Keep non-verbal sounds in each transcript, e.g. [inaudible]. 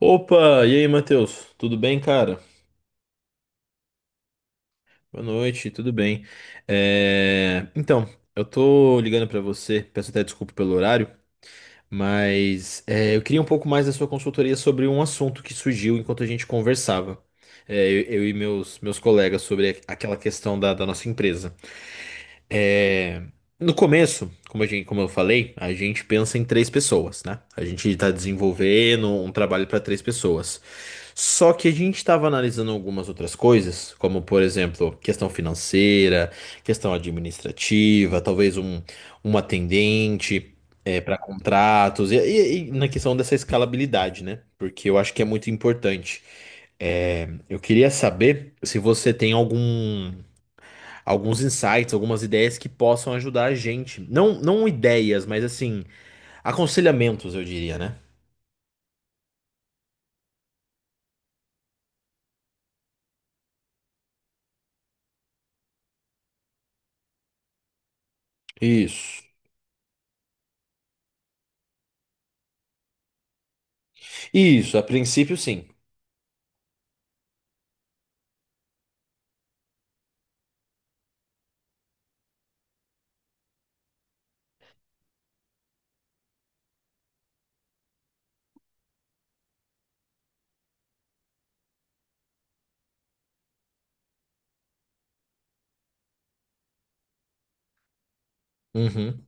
Opa, e aí, Matheus? Tudo bem, cara? Boa noite, tudo bem. Então, eu tô ligando pra você, peço até desculpa pelo horário, mas eu queria um pouco mais da sua consultoria sobre um assunto que surgiu enquanto a gente conversava. Eu e meus colegas, sobre aquela questão da nossa empresa. É, No começo, como como eu falei, a gente pensa em três pessoas, né? A gente está desenvolvendo um trabalho para três pessoas. Só que a gente estava analisando algumas outras coisas, como por exemplo, questão financeira, questão administrativa, um atendente para contratos, e, e na questão dessa escalabilidade, né? Porque eu acho que é muito importante. Eu queria saber se você tem algum alguns insights, algumas ideias que possam ajudar a gente. Não, não ideias, mas assim, aconselhamentos, eu diria, né? Isso. Isso, a princípio sim. Uhum.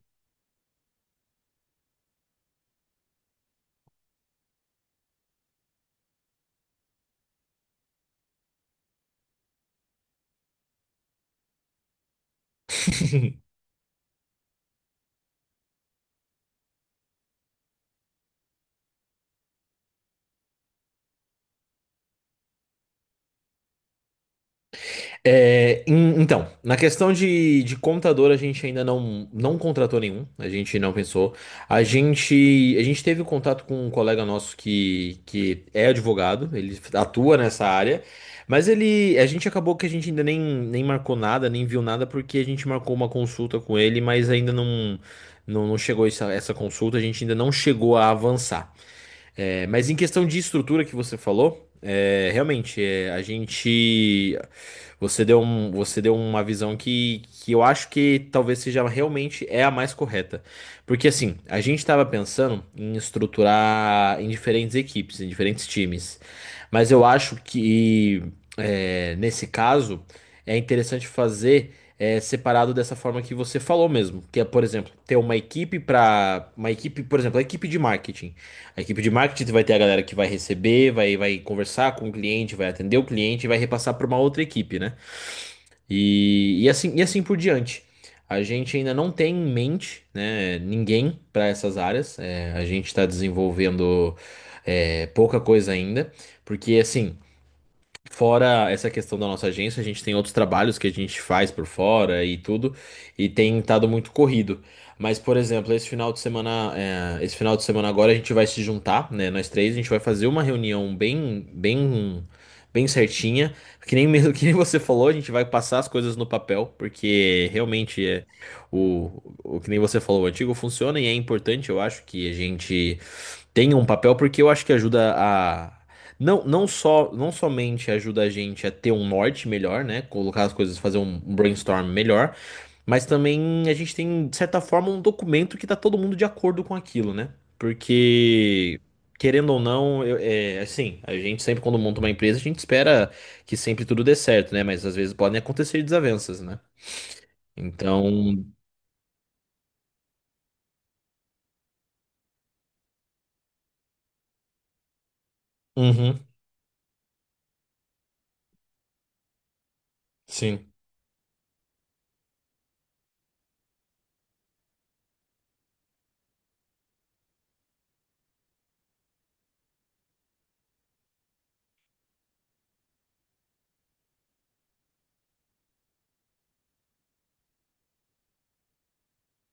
[laughs] Então, na questão de contador, a gente ainda não contratou nenhum, a gente não pensou. A gente teve contato com um colega nosso que é advogado, ele atua nessa área, mas a gente acabou que a gente ainda nem marcou nada, nem viu nada, porque a gente marcou uma consulta com ele, mas ainda não, não, não chegou essa consulta, a gente ainda não chegou a avançar. Mas em questão de estrutura que você falou, é, realmente, é, a gente. Você deu uma visão que eu acho que talvez seja realmente a mais correta. Porque assim, a gente estava pensando em estruturar em diferentes equipes, em diferentes times. Mas eu acho que nesse caso é interessante fazer separado dessa forma que você falou mesmo. Que é, por exemplo, ter uma equipe para. Uma equipe, por exemplo, a equipe de marketing. A equipe de marketing vai ter a galera que vai receber, vai conversar com o cliente, vai atender o cliente e vai repassar para uma outra equipe, né? E assim por diante. A gente ainda não tem em mente, né, ninguém para essas áreas. A gente está desenvolvendo pouca coisa ainda, porque assim, fora essa questão da nossa agência, a gente tem outros trabalhos que a gente faz por fora e tudo, e tem estado muito corrido. Mas, por exemplo, esse final de semana agora a gente vai se juntar, né? Nós três, a gente vai fazer uma reunião bem certinha. Que nem mesmo [laughs] que nem você falou, a gente vai passar as coisas no papel, porque realmente é o, o que nem você falou, o antigo funciona e é importante, eu acho, que a gente tem um papel, porque eu acho que ajuda a. Não somente ajuda a gente a ter um norte melhor, né? Colocar as coisas, fazer um brainstorm melhor, mas também a gente tem, de certa forma, um documento que tá todo mundo de acordo com aquilo, né? Porque, querendo ou não, a gente sempre, quando monta uma empresa, a gente espera que sempre tudo dê certo, né? Mas às vezes podem acontecer desavenças, né? Então. Uhum, sim.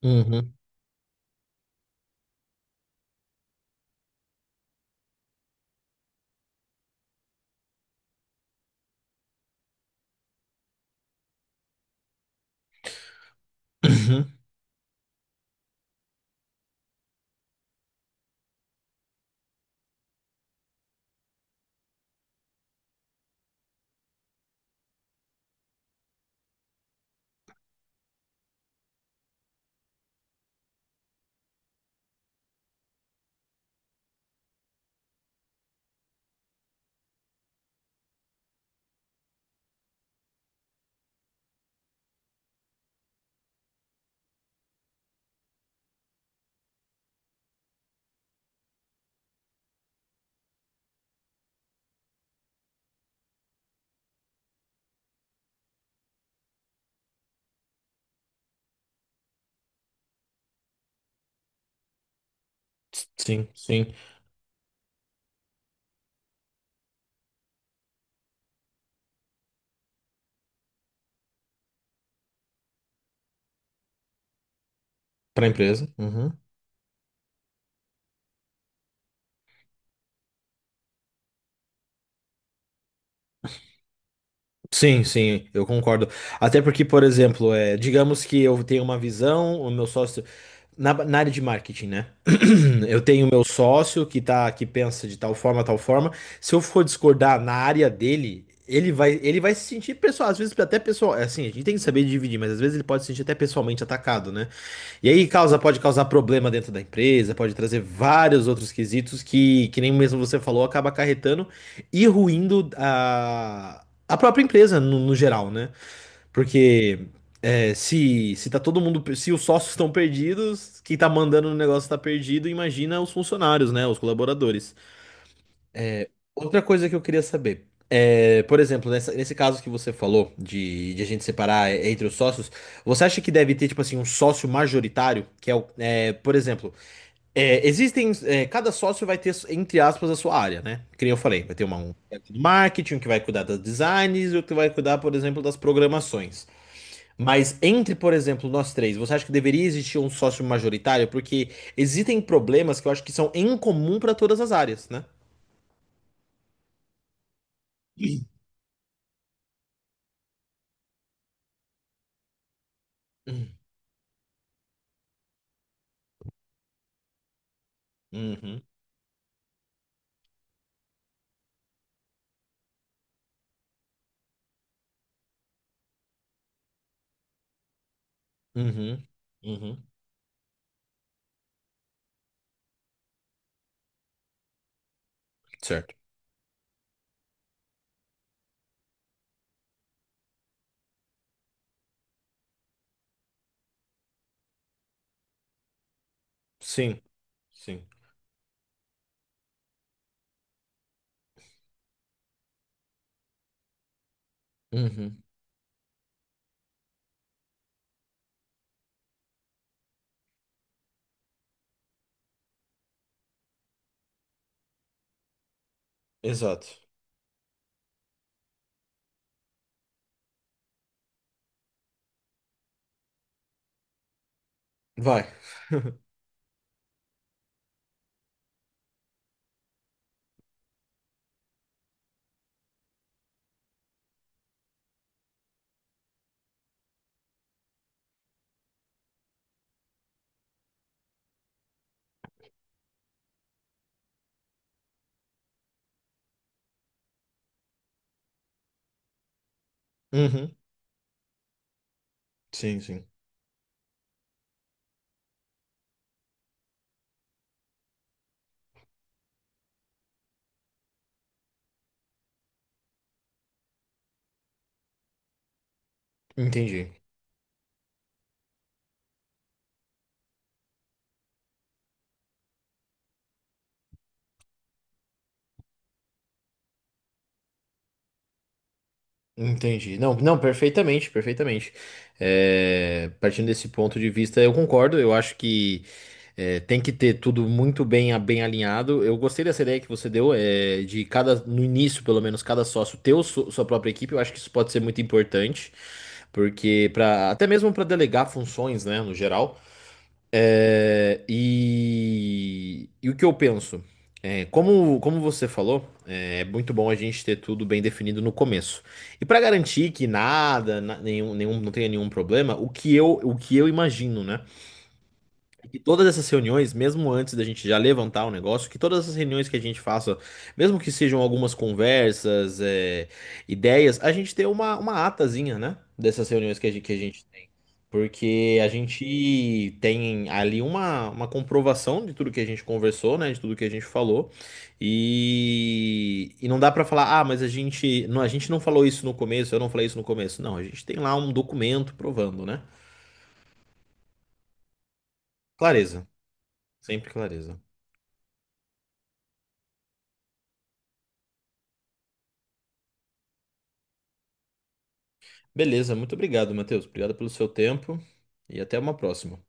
Uhum. Uhum. Sim, sim. Para empresa. Uhum. Sim, sim, eu concordo. Até porque, por exemplo, digamos que eu tenho uma visão, o meu sócio. Na área de marketing, né? [clears throat] Eu tenho o meu sócio que pensa de tal forma, tal forma. Se eu for discordar na área dele, ele vai se sentir pessoal, às vezes até pessoal, é assim, a gente tem que saber dividir, mas às vezes ele pode se sentir até pessoalmente atacado, né? Pode causar problema dentro da empresa, pode trazer vários outros quesitos que nem mesmo você falou, acaba acarretando e ruindo a própria empresa no geral, né? Porque se tá todo mundo, se os sócios estão perdidos, quem tá mandando no negócio tá perdido, imagina os funcionários, né? Os colaboradores. Outra coisa que eu queria saber. É, por exemplo, nesse caso que você falou de a gente separar entre os sócios, você acha que deve ter, tipo assim, um sócio majoritário, que é o, é, por exemplo, é, existem. É, cada sócio vai ter, entre aspas, a sua área, né? Que nem eu falei, vai ter um do marketing, um que vai cuidar das designs e outro que vai cuidar, por exemplo, das programações. Mas entre, por exemplo, nós três, você acha que deveria existir um sócio majoritário? Porque existem problemas que eu acho que são em comum para todas as áreas, né? [clears throat] Uhum, uhum, uhum. Uhum. Certo. Sim, sim. Uhum, exato. Vai. Uhum, sim, sim. Entendi. Entendi. Não, não, perfeitamente, perfeitamente. Partindo desse ponto de vista, eu concordo. Eu acho que tem que ter tudo muito bem alinhado. Eu gostei dessa ideia que você deu, de cada, no início, pelo menos, cada sócio ter sua própria equipe. Eu acho que isso pode ser muito importante, porque para até mesmo para delegar funções, né, no geral. E o que eu penso? Como você falou, é muito bom a gente ter tudo bem definido no começo. E para garantir que nada, na- nenhum, nenhum, não tenha nenhum problema, o que eu imagino, né? Que todas essas reuniões, mesmo antes da gente já levantar o negócio, que todas essas reuniões que a gente faça, mesmo que sejam algumas conversas, ideias, a gente tem uma atazinha, né? Dessas reuniões que que a gente tem. Porque a gente tem ali uma comprovação de tudo que a gente conversou, né? De tudo que a gente falou. E não dá pra falar, ah, mas a gente não falou isso no começo, eu não falei isso no começo. Não, a gente tem lá um documento provando, né? Clareza, sempre clareza. Beleza, muito obrigado, Matheus. Obrigado pelo seu tempo e até uma próxima.